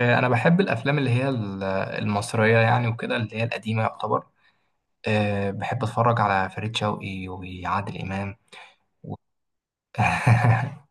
انا بحب الافلام اللي هي المصريه يعني وكده اللي هي القديمه يعتبر. بحب اتفرج على فريد شوقي وعادل امام و...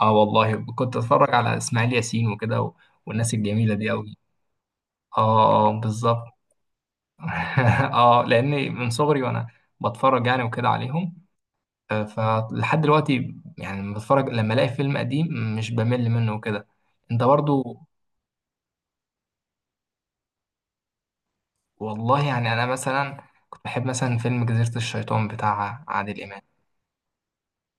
اه والله كنت اتفرج على اسماعيل ياسين وكده والناس الجميله دي قوي. اه، بالظبط. اه، لاني من صغري وانا بتفرج يعني وكده عليهم. فلحد دلوقتي يعني لما بتفرج لما الاقي فيلم قديم مش بمل منه وكده. انت برضو؟ والله يعني انا مثلا كنت بحب مثلا فيلم جزيرة الشيطان بتاع عادل امام.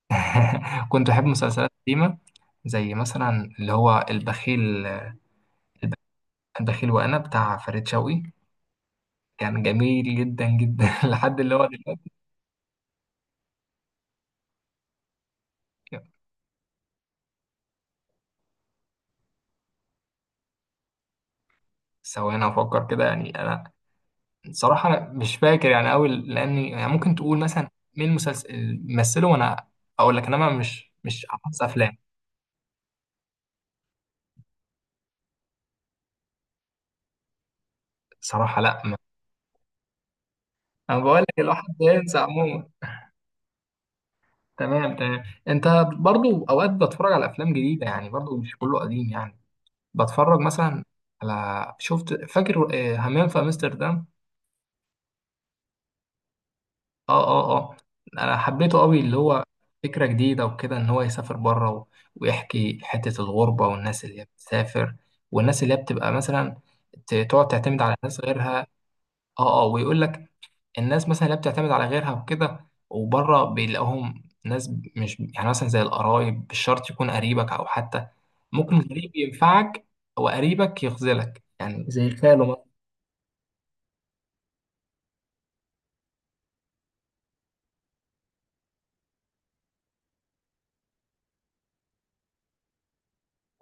كنت بحب مسلسلات قديمة زي مثلا اللي هو البخيل وانا بتاع فريد شوقي كان جميل جدا جدا لحد اللي هو دلوقتي. ثواني افكر كده يعني انا. صراحة أنا مش فاكر يعني قوي لاني يعني ممكن تقول مثلا مين المسلسل مثله، وانا اقول لك انما مش احفظ افلام. صراحة لا ما. انا بقول لك الواحد بينسى عموما. تمام تمام. انت برضو اوقات بتفرج على افلام جديده يعني، برضو مش كله قديم يعني. بتفرج مثلا على. شفت فاكر همام في امستردام؟ اه اه اه، انا حبيته قوي اللي هو فكره جديده وكده ان هو يسافر بره ويحكي حته الغربه والناس اللي هي بتسافر، والناس اللي هي بتبقى مثلا تقعد تعتمد على ناس غيرها. اه اه، ويقول لك الناس مثلا اللي بتعتمد على غيرها وكده، وبره بيلاقوهم ناس مش يعني مثلا زي القرايب، مش شرط يكون قريبك او حتى ممكن غريب ينفعك، وقريبك يخذلك يعني زي خاله مثلا.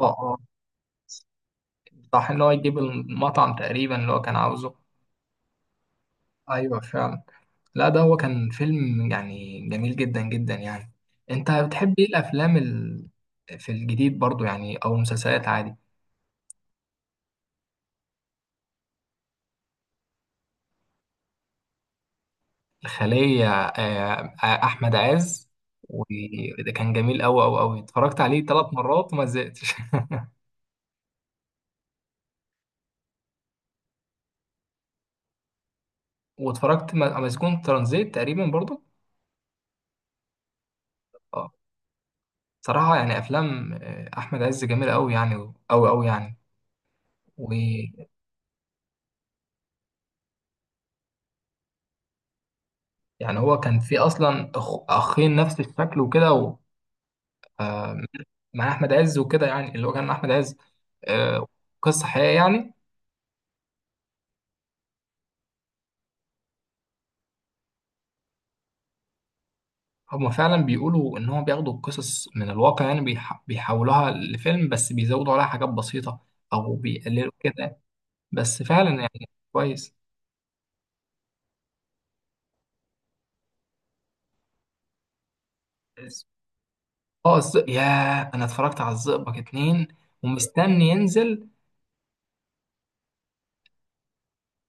اه اه، صح ان هو يجيب المطعم تقريبا اللي هو كان عاوزه. ايوه فعلا. لا، ده هو كان فيلم يعني جميل جدا جدا يعني. انت بتحب ايه الافلام في الجديد برضو يعني، او المسلسلات عادي؟ الخلية أحمد عز. وده كان جميل أوي أوي أوي، اتفرجت عليه ثلاث مرات وما زهقتش. واتفرجت مسجون ترانزيت تقريبا برضو. اه، صراحة يعني أفلام أحمد عز جميلة أوي يعني، أوي أوي يعني. ويعني هو كان في أصلا أخين نفس الشكل وكده آه، مع أحمد عز وكده يعني، اللي هو كان أحمد عز. آه، قصة حقيقية يعني. هما فعلا بيقولوا ان هو بياخدوا القصص من الواقع يعني، بيحولوها لفيلم بس بيزودوا عليها حاجات بسيطة او بيقللوا كده. بس فعلا يعني كويس. اه ياه، انا اتفرجت على الزئبق اتنين ومستني ينزل.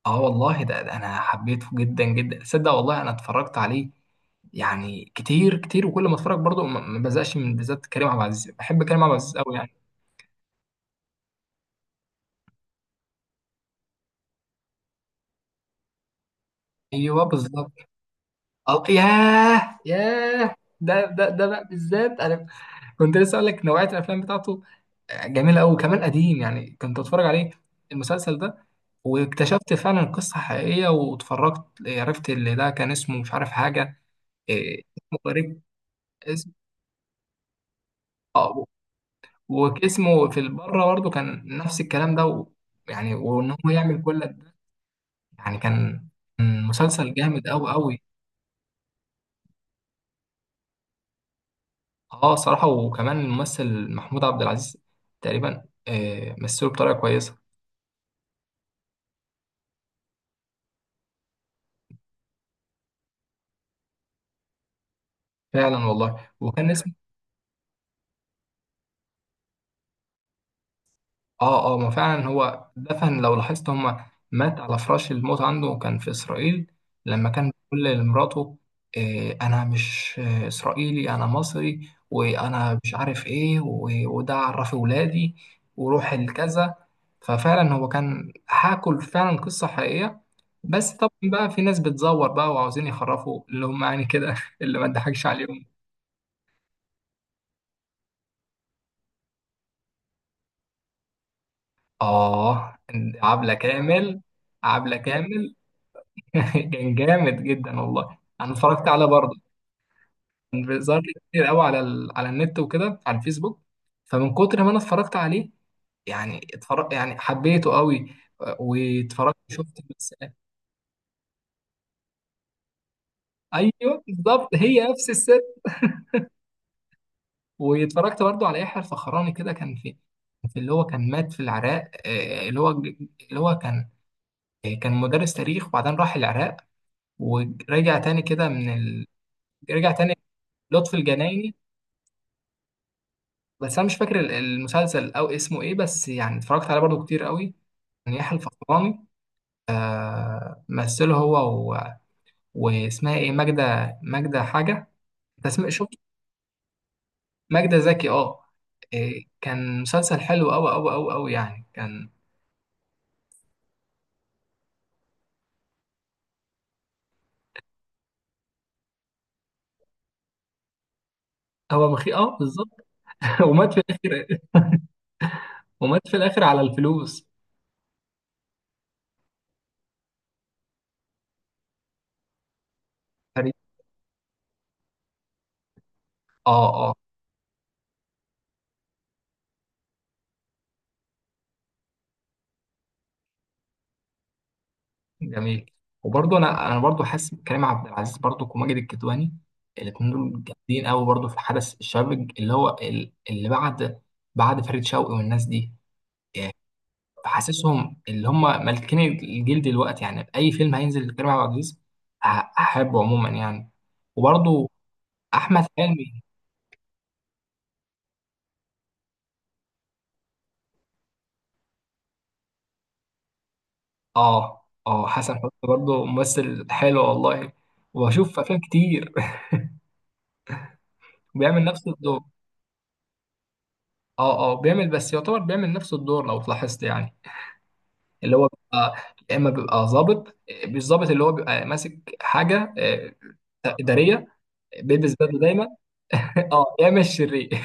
اه والله ده انا حبيته جدا جدا. تصدق والله انا اتفرجت عليه يعني كتير كتير، وكل ما اتفرج برضه ما بزقش من، بالذات كريم عبد العزيز. بحب كريم عبد العزيز قوي يعني. ايوه بالظبط. اه ياه ياه، ده بقى بالذات انا كنت لسه اقول لك نوعيه الافلام بتاعته جميله قوي، وكمان قديم يعني كنت اتفرج عليه، المسلسل ده. واكتشفت فعلا قصه حقيقيه، واتفرجت عرفت اللي ده كان اسمه مش عارف حاجه، إيه، اسمه غريب. اسمه اه، واسمه في بره برضه كان نفس الكلام ده يعني وان هو يعمل كل ده. يعني كان كان مسلسل جامد قوي قوي. اه صراحه، وكمان الممثل محمود عبد العزيز تقريبا مثله بطريقه كويسه. فعلا والله. وكان اسمه اه اه، ما فعلا هو دفن لو لاحظت، هما مات على فراش الموت عنده كان في إسرائيل. لما كان بيقول لمراته إيه، أنا مش إسرائيلي، أنا مصري وأنا مش عارف إيه وده عرفي ولادي وروح الكذا. ففعلا هو كان، حاكوا فعلا قصة حقيقية. بس طبعا بقى في ناس بتزور بقى وعاوزين يخرفوا اللي هم يعني كده، اللي ما تضحكش عليهم. اه، عبلة كامل. عبلة كامل. كان جامد جدا والله، انا اتفرجت عليه برضه. كان بيظهر لي كتير قوي على على النت وكده، على الفيسبوك. فمن كتر ما انا اتفرجت عليه يعني، اتفرج يعني، حبيته قوي. واتفرجت شفت بس. ايوه بالظبط، هي نفس الست. واتفرجت برضه على يحيى الفخراني كده، كان في، في اللي هو كان مات في العراق اللي هو اللي هو كان كان مدرس تاريخ، وبعدين راح العراق ورجع تاني كده من رجع تاني. لطفي الجنايني؟ بس انا مش فاكر المسلسل او اسمه ايه، بس يعني اتفرجت عليه برضو كتير قوي. كان يحيى الفخراني مثله هو و، واسمها ايه، ماجدة، ماجدة حاجة. انت شفت؟ ماجدة زكي، اه. إيه، كان مسلسل حلو قوي قوي قوي قوي يعني كان. هو مخي اه بالظبط. ومات في الاخر. ومات في الاخر على الفلوس. اه. آه. جميل. وبرضه انا برضه حاسس بكريم عبد العزيز برضه، وماجد الكدواني، الاثنين دول جامدين قوي برضه في حدث الشباب اللي هو اللي بعد بعد فريد شوقي والناس دي. فحاسسهم اللي هم مالكين الجيل دلوقتي يعني، اي فيلم هينزل لكريم عبد العزيز ه- هحبه عموما يعني. وبرضه احمد حلمي. اه اه، حسن حسني برضه ممثل حلو والله. وبشوف افلام كتير بيعمل نفس الدور. اه اه، بيعمل بس، يعتبر بيعمل نفس الدور لو تلاحظت يعني. اللي هو بيبقى، يا اما بيبقى ظابط، مش ظابط، اللي هو بيبقى ماسك حاجه اداريه، بيلبس بدله دايما. اه يا اما الشرير.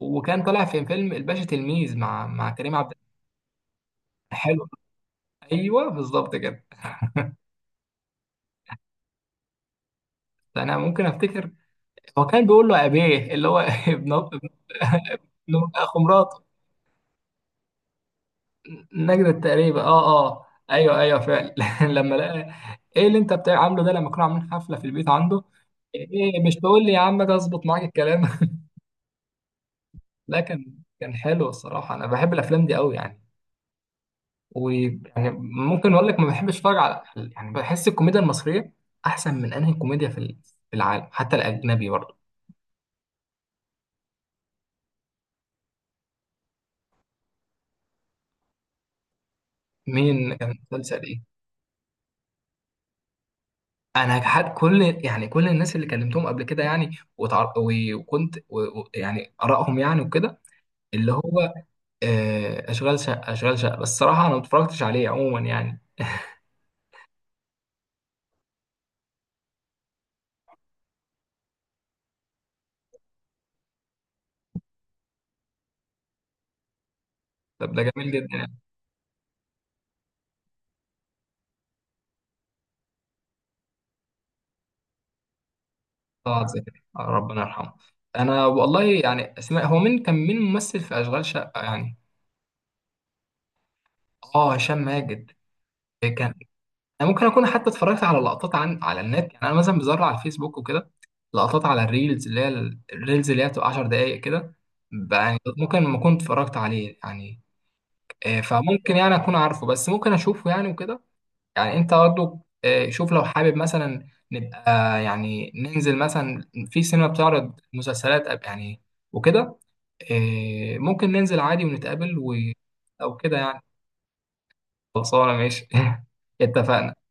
وكان طالع في فيلم الباشا تلميذ مع كريم عبد العزيز. حلو. ايوه بالظبط كده. انا ممكن افتكر. هو كان بيقول له ابيه اللي هو ابن ابن ابن اخو مراته. نجدة تقريبا، اه اه ايوه ايوه فعلا. لما لقى ايه اللي انت بتاع عامله ده، لما كانوا عاملين حفله في البيت عنده. ايه، مش تقول لي يا عم، ده اظبط معاك الكلام. لا كان حلو الصراحه. انا بحب الافلام دي قوي يعني. ويعني ممكن اقول لك ما بحبش اتفرج على، يعني بحس الكوميديا المصريه احسن من انهي كوميديا في في العالم، حتى الاجنبي برضه. مين؟ كان مسلسل ايه؟ انا حد، كل يعني كل الناس اللي كلمتهم قبل كده يعني، وكنت يعني ارائهم يعني وكده، اللي هو اشغال شقه بس الصراحه انا ما اتفرجتش عليه عموما يعني. طب ده جميل جدا يعني. طه زكي، آه، ربنا يرحمه. انا والله يعني اسماء، هو مين كان، مين ممثل في اشغال شقه يعني؟ اه هشام ماجد. كان، انا ممكن اكون حتى اتفرجت على لقطات عن على النت يعني. انا مثلا بزرع على الفيسبوك وكده لقطات على الريلز اللي هي الريلز اللي هي بتبقى 10 دقائق كده. يعني ممكن ما كنت اتفرجت عليه يعني. فممكن يعني اكون عارفه، بس ممكن اشوفه يعني وكده. يعني انت برضه شوف، لو حابب مثلا نبقى، يعني ننزل مثلا في سينما بتعرض مسلسلات يعني وكده، ممكن ننزل عادي ونتقابل او كده يعني. خلصانه ماشي. اتفقنا.